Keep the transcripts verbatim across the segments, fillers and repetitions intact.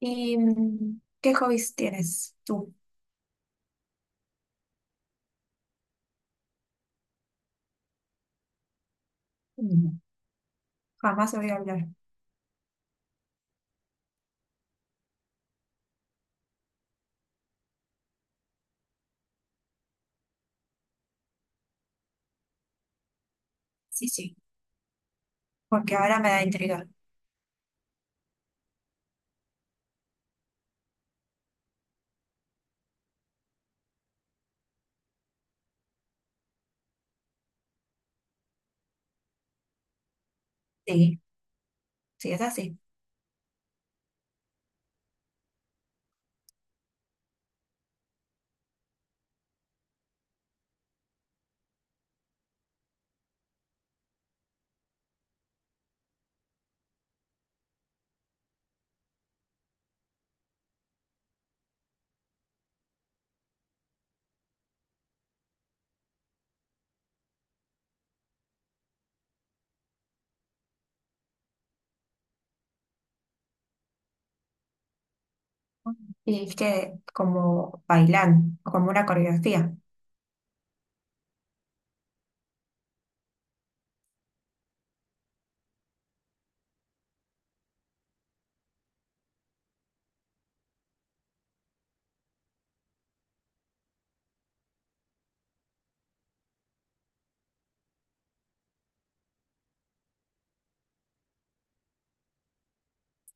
¿Y mm, qué hobbies tienes tú? Mm. Jamás voy a hablar. Sí, sí, porque ahora me da intriga. Sí, sí, es así. Mm. Y es que como bailan, como una coreografía.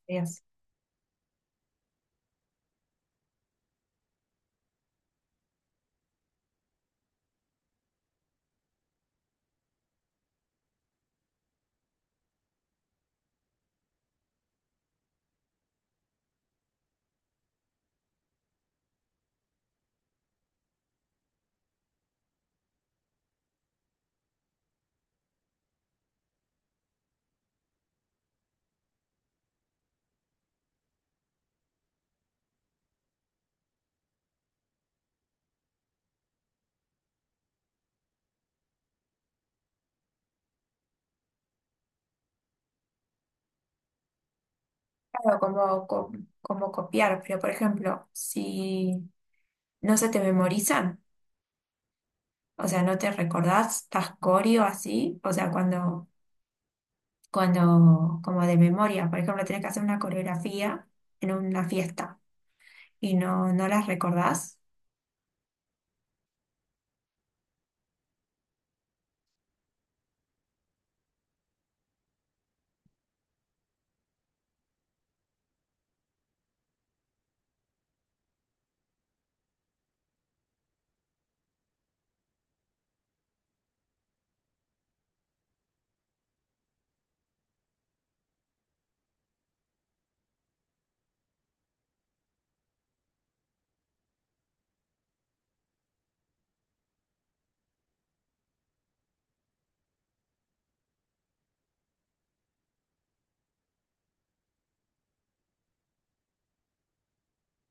Dios. Claro, como, co- como copiar, pero por ejemplo, si no se te memorizan, o sea, no te recordás, estás coreo así, o sea, cuando, cuando, como de memoria, por ejemplo, tenés que hacer una coreografía en una fiesta y no, no las recordás.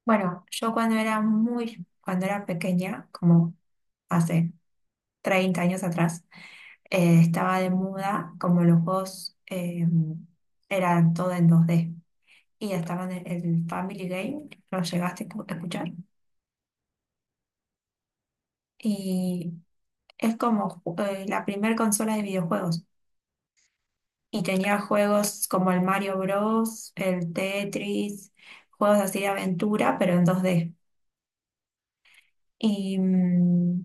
Bueno, yo cuando era muy, cuando era pequeña, como hace treinta años atrás, eh, estaba de muda, como los juegos eh, eran todo en dos d. Y estaban el, el Family Game, lo llegaste a escu- a escuchar. Y es como ju- eh, la primer consola de videojuegos. Y tenía juegos como el Mario Bros, el Tetris, juegos así de aventura, pero en dos d. Y mm,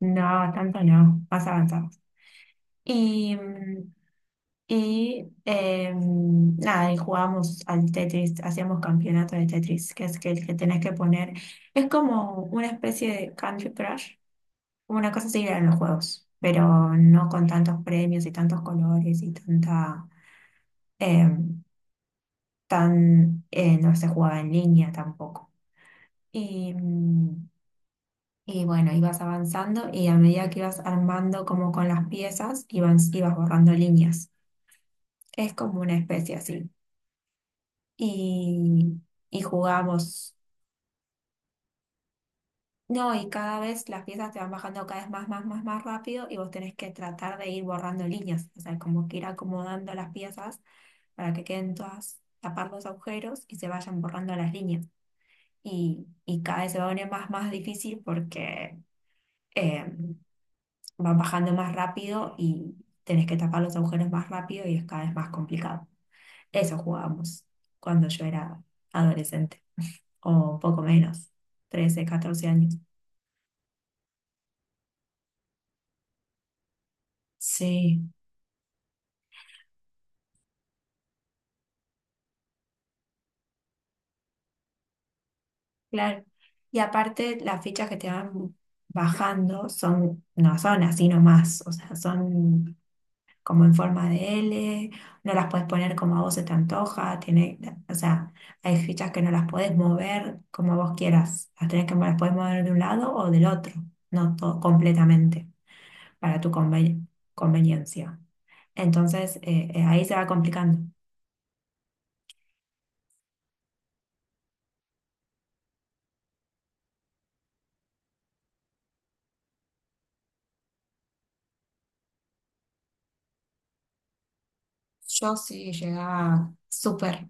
no, tanto no, más avanzado. Y, mm, y em, nada, y jugábamos al Tetris, hacíamos campeonato de Tetris, que es que el que tenés que poner. Es como una especie de Candy Crush, una cosa así en los juegos, pero no con tantos premios y tantos colores y tanta, em, tan, eh, no se jugaba en línea tampoco. Y, mm, y bueno, ibas avanzando y a medida que ibas armando como con las piezas, ibas, ibas borrando líneas. Es como una especie así. Y, y jugamos. No, y cada vez las piezas te van bajando cada vez más, más, más, más rápido y vos tenés que tratar de ir borrando líneas, o sea, como que ir acomodando las piezas para que queden todas, tapar los agujeros y se vayan borrando las líneas. Y, y cada vez se va a poner más, más difícil porque eh, van bajando más rápido y tenés que tapar los agujeros más rápido y es cada vez más complicado. Eso jugábamos cuando yo era adolescente, o poco menos, trece catorce años. Sí, claro. Y aparte, las fichas que te van bajando son, no son así nomás, o sea, son como en forma de L, no las puedes poner como a vos se te antoja, tiene, o sea, hay fichas que no las puedes mover como vos quieras, las tenés que, las puedes mover de un lado o del otro, no to- completamente, para tu conven- conveniencia. Entonces, eh, eh, ahí se va complicando. Yo sí llegaba súper,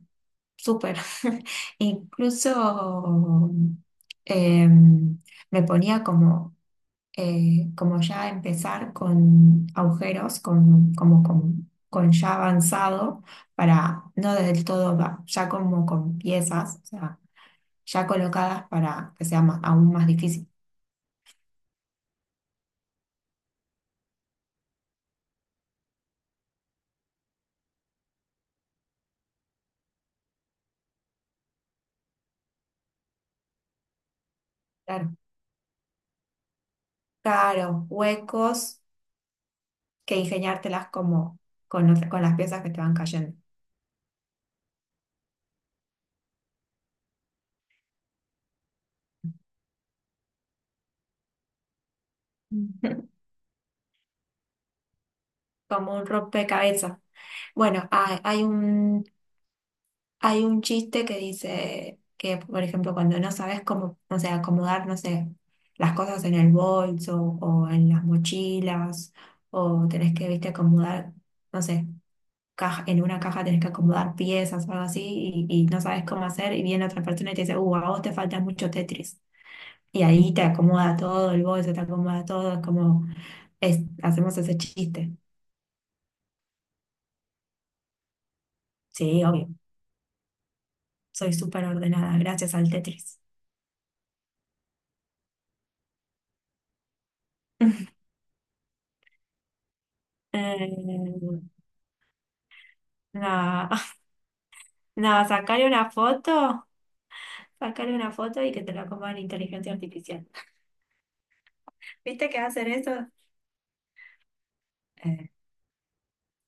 súper. Incluso em, me ponía como, eh, como ya empezar con agujeros, con, como con, con ya avanzado, para no del todo, va- ya como con piezas, o sea, ya colocadas para que sea ma- aún más difícil. Claro, claro, huecos que ingeniártelas como con, otra- con las piezas que te van cayendo. Como un rompecabezas. Bueno, hay, hay un, hay un chiste que dice que, por ejemplo, cuando no sabes cómo, no sé, acomodar, no sé, las cosas en el bolso o en las mochilas, o tenés que, viste, acomodar, no sé, caja, en una caja tenés que acomodar piezas o algo así y, y no sabes cómo hacer y viene otra persona y te dice, uh, a vos te falta mucho Tetris. Y ahí te acomoda todo el bolso, te acomoda todo, es como, es, hacemos ese chiste. Sí, obvio. Soy súper ordenada, gracias al Tetris. Eh, nada, nada, sacarle una foto, sacarle una foto y que te la coma la inteligencia artificial. ¿Viste que hacen eso? Eh,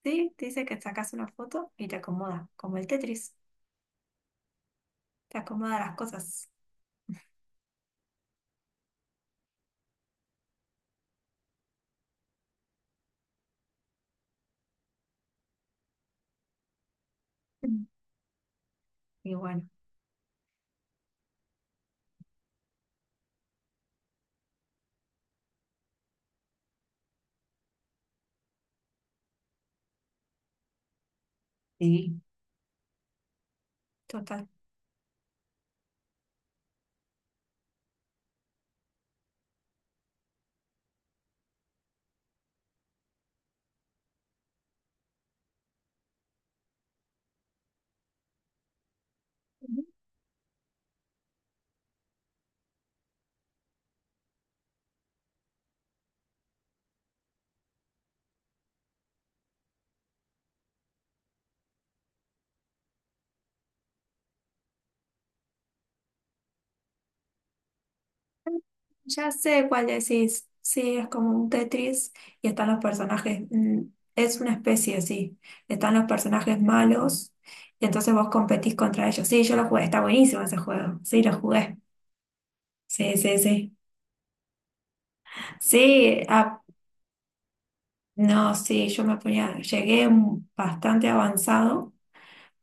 sí, te dice que sacas una foto y te acomoda, como el Tetris, te acomoda las cosas. Mm. Y bueno, sí, total. Ya sé cuál decís. Sí, es como un Tetris y están los personajes. mm, Es una especie, sí. Están los personajes malos y entonces vos competís contra ellos. Sí, yo lo jugué. Está buenísimo ese juego. Sí, lo jugué. Sí, sí, sí. Sí, ah, no, sí, yo me ponía. Llegué un- bastante avanzado,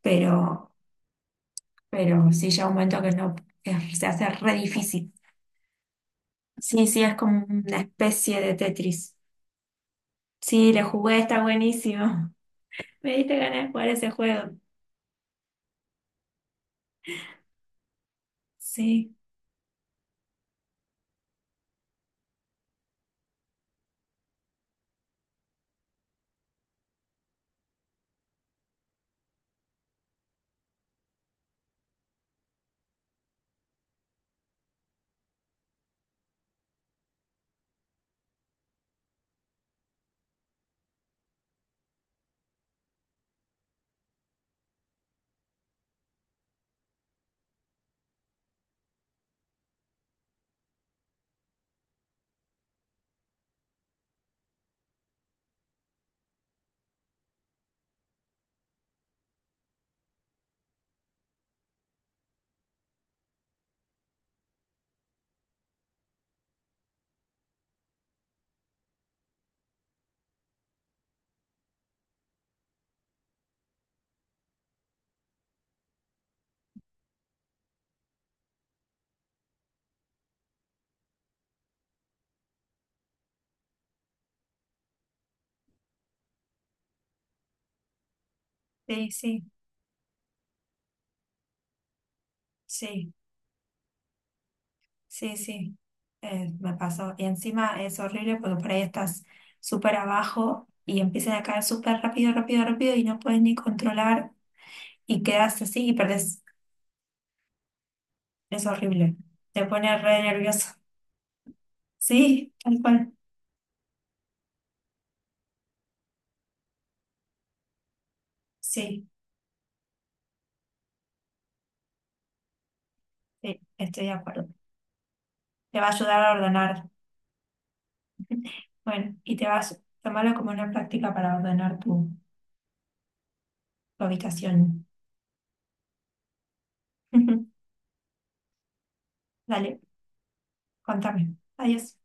pero, pero sí, llega un momento que no, que se hace re difícil. Sí, sí, es como una especie de Tetris. Sí, lo jugué, está buenísimo. Me diste ganas de jugar ese juego. Sí, sí, sí, sí, sí, sí. Eh, me pasó. Y encima es horrible porque por ahí estás súper abajo y empiezan a caer súper rápido, rápido, rápido y no puedes ni controlar y quedas así y perdés. Es horrible. Te pone re nervioso. Sí, tal cual. Sí, sí, estoy de acuerdo. Te va a ayudar a ordenar. Bueno, y te vas a tomarlo como una práctica para ordenar tu, tu habitación. Dale. Cuéntame. Adiós.